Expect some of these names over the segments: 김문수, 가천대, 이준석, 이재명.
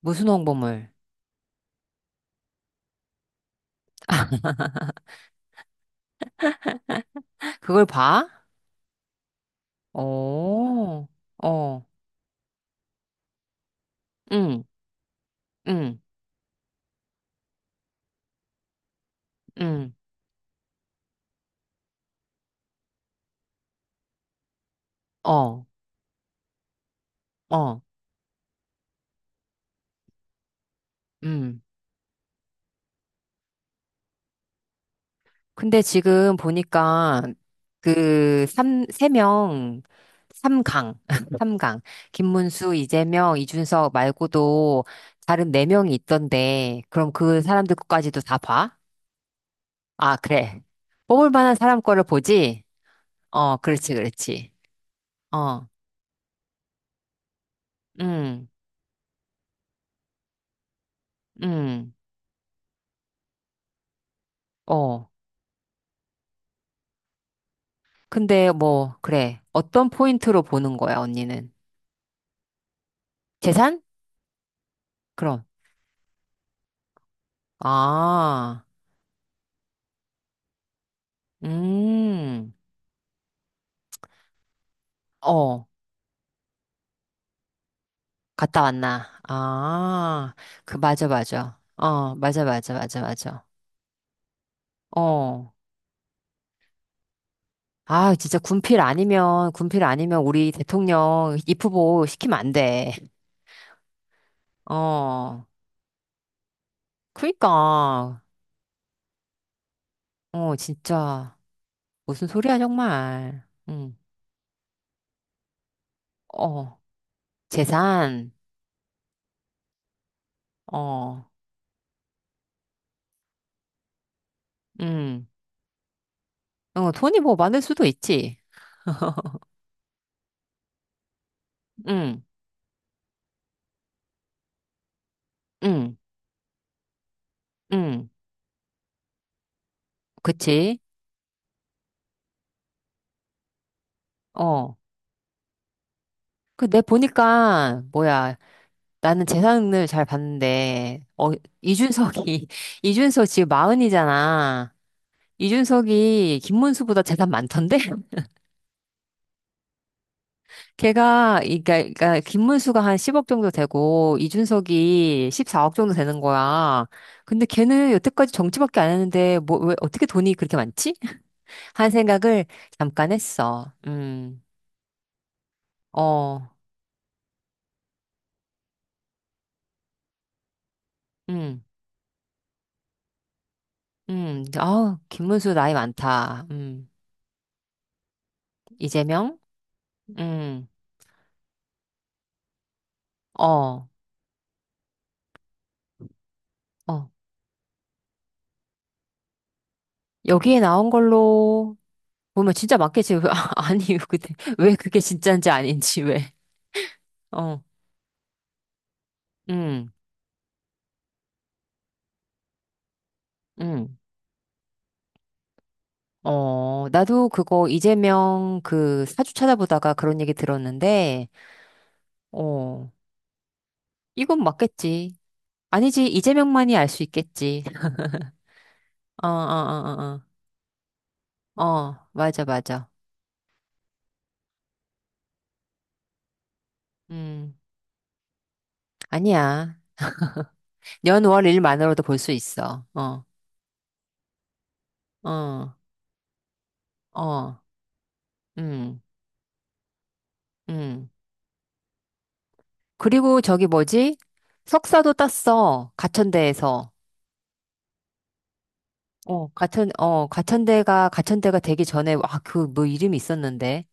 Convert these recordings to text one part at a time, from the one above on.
무슨 홍보물? 그걸 봐? 오, 어, 응, 응, 응, 어, 어, 응. 근데 지금 보니까 그 삼, 세 명, 삼강, 삼강. 김문수, 이재명, 이준석 말고도 다른 네 명이 있던데, 그럼 그 사람들 것까지도 다 봐? 아, 그래. 뽑을 만한 사람 거를 보지? 어, 그렇지, 그렇지. 어, 응, 응, 어. 근데 뭐, 그래. 어떤 포인트로 보는 거야, 언니는? 재산? 그럼. 아, 음, 어, 갔다 왔나? 아, 그, 맞아, 맞아. 어, 맞아, 맞아, 맞아, 맞아. 어. 아, 진짜 군필 아니면, 군필 아니면 우리 대통령 입후보 시키면 안 돼. 어, 그니까. 어, 진짜. 무슨 소리야, 정말. 응, 어, 재산. 어, 응. 어, 돈이 뭐 많을 수도 있지. 응, 응, 응. 그치? 어. 그, 내 보니까, 뭐야. 나는 재산을 잘 봤는데, 어, 이준석이, 이준석 지금 마흔이잖아. 이준석이 김문수보다 재산 많던데? 걔가, 그러니까, 그니까 김문수가 한 10억 정도 되고, 이준석이 14억 정도 되는 거야. 근데 걔는 여태까지 정치밖에 안 했는데, 뭐, 왜, 어떻게 돈이 그렇게 많지? 한 생각을 잠깐 했어. 음. 어, 음, 아, 김문수 나이 많다. 이재명? 음, 어, 어. 여기에 나온 걸로 보면 진짜 맞겠지. 아, 아니, 근데 왜 그게 진짜인지 아닌지 왜. 어, 음, 음. 어, 나도 그거 이재명 그 사주 찾아보다가 그런 얘기 들었는데, 어, 이건 맞겠지. 아니지, 이재명만이 알 수 있겠지. 어, 어, 어, 어, 어. 어, 맞아, 맞아. 음, 아니야. 연월일만으로도 볼 수 있어. 어, 어, 어, 음, 음. 그리고 저기 뭐지? 석사도 땄어. 가천대에서. 어, 가천대가, 가천대가 되기 전에, 아, 그 뭐 이름이 있었는데.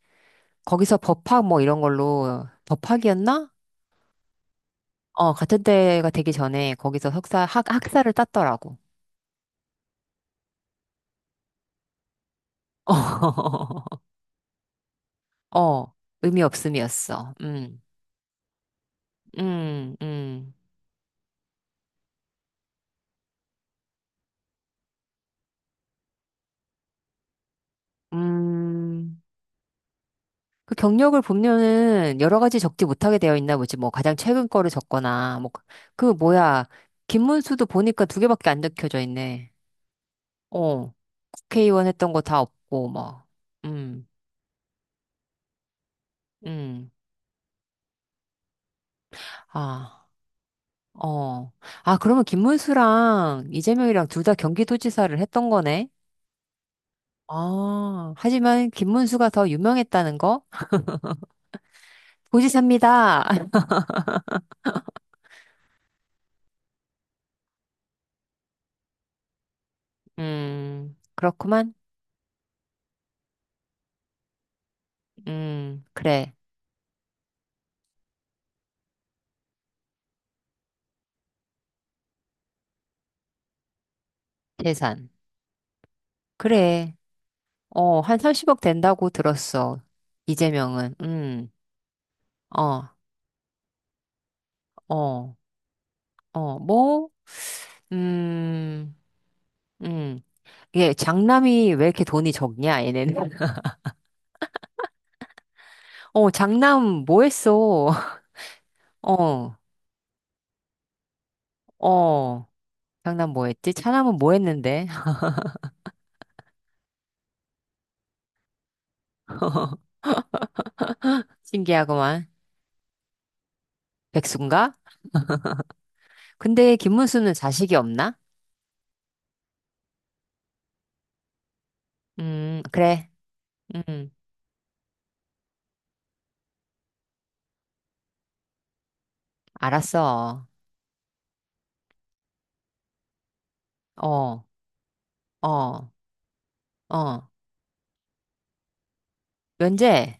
거기서 법학 뭐 이런 걸로, 법학이었나? 어, 가천대가 되기 전에 거기서 학사를 땄더라고. 어, 의미 없음이었어. 음, 음, 음. 그 경력을 보면은 여러 가지 적지 못하게 되어 있나 보지. 뭐 가장 최근 거를 적거나 뭐 그 뭐야, 김문수도 보니까 두 개밖에 안 적혀져 있네. 어, 국회의원 했던 거 다 없고 뭐. 음, 음, 아, 어, 아, 그러면 김문수랑 이재명이랑 둘 다 경기도지사를 했던 거네. 아, 하지만 김문수가 더 유명했다는 거 도지사입니다. 음, 그렇구만. 음, 그래. 재산. 그래. 어, 한 30억 된다고 들었어. 이재명은. 어, 어, 어, 뭐, 음, 음. 이게 장남이 왜 이렇게 돈이 적냐, 얘네는. 어, 장남 뭐 했어? 어, 어. 장남 뭐 했지? 차남은 뭐 했는데? 신기하구만. 백수인가? 근데 김문수는 자식이 없나? 그래. 음, 알았어. 어, 어, 어. 면제.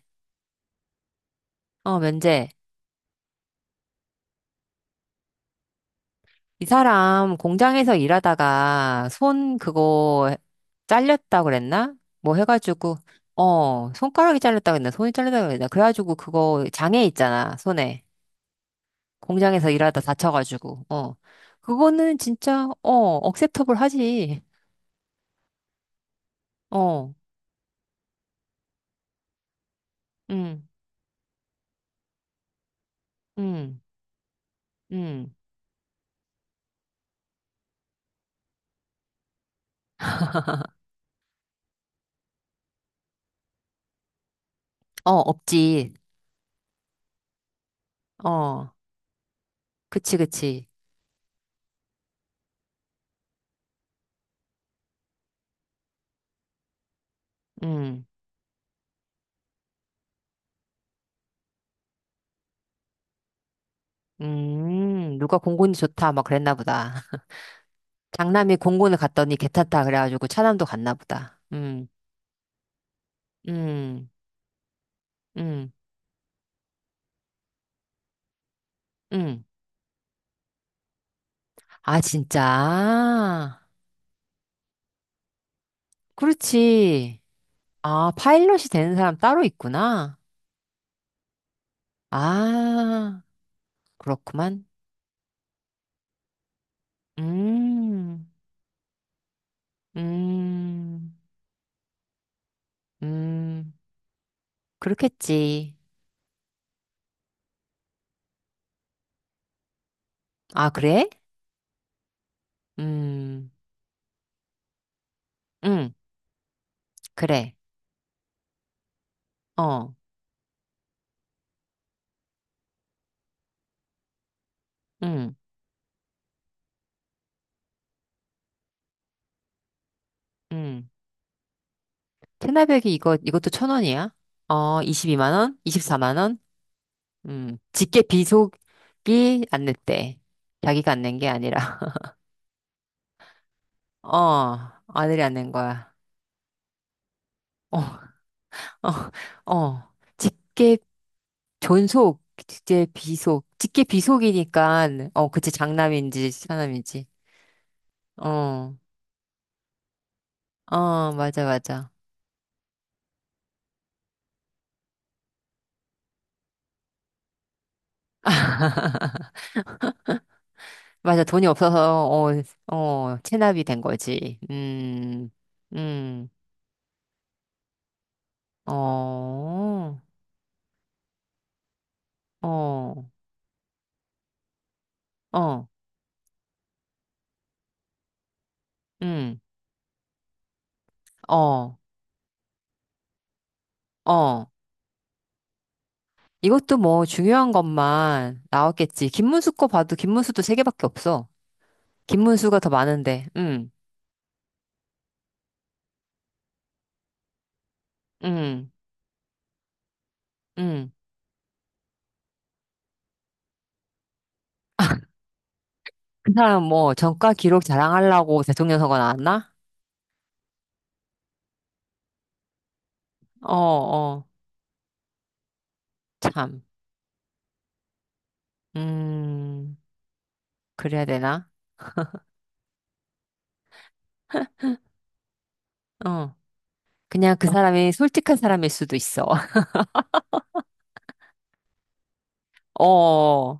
어, 면제. 이 사람 공장에서 일하다가 손 그거 잘렸다 그랬나? 뭐 해가지고, 어, 손가락이 잘렸다 그랬나? 손이 잘렸다 그랬나? 그래가지고 그거 장애 있잖아, 손에. 공장에서 일하다 다쳐가지고, 어. 그거는 진짜, 어, 억셉터블 하지. 어, 응, 응, 응, 어, 없지. 어, 그치, 그치. 응, 누가 공군이 좋다, 막 그랬나 보다. 장남이 공군을 갔더니 괜찮다 그래가지고 차남도 갔나 보다. 음, 음, 음. 아, 진짜? 그렇지. 아, 파일럿이 되는 사람 따로 있구나. 아, 그렇구만. 음, 음, 음. 그렇겠지. 아, 그래? 음, 음, 그래. 어, 음, 음. 테나백이 이거, 이것도 천 원이야? 어, 22만 원? 24만 원? 직계 비속이 안 냈대. 자기가 안 낸 게 아니라. 어, 아들이 안 낸 거야. 어, 어, 어. 직계 존속, 직계 비속. 직계 비속이니까, 어, 그치, 장남인지, 차남인지. 어, 어, 맞아, 맞아. 맞아, 돈이 없어서, 어, 어, 체납이 된 거지. 음, 어, 어, 어, 음, 어, 어. 이것도 뭐 중요한 것만 나왔겠지. 김문수 거 봐도 김문수도 세 개밖에 없어. 김문수가 더 많은데, 응, 응, 응. 아, 그 사람 뭐 전과 기록 자랑하려고 대통령 선거 나왔나? 어, 어, 참. 음, 그래야 되나? 어. 그냥 그 사람이 솔직한 사람일 수도 있어. 어,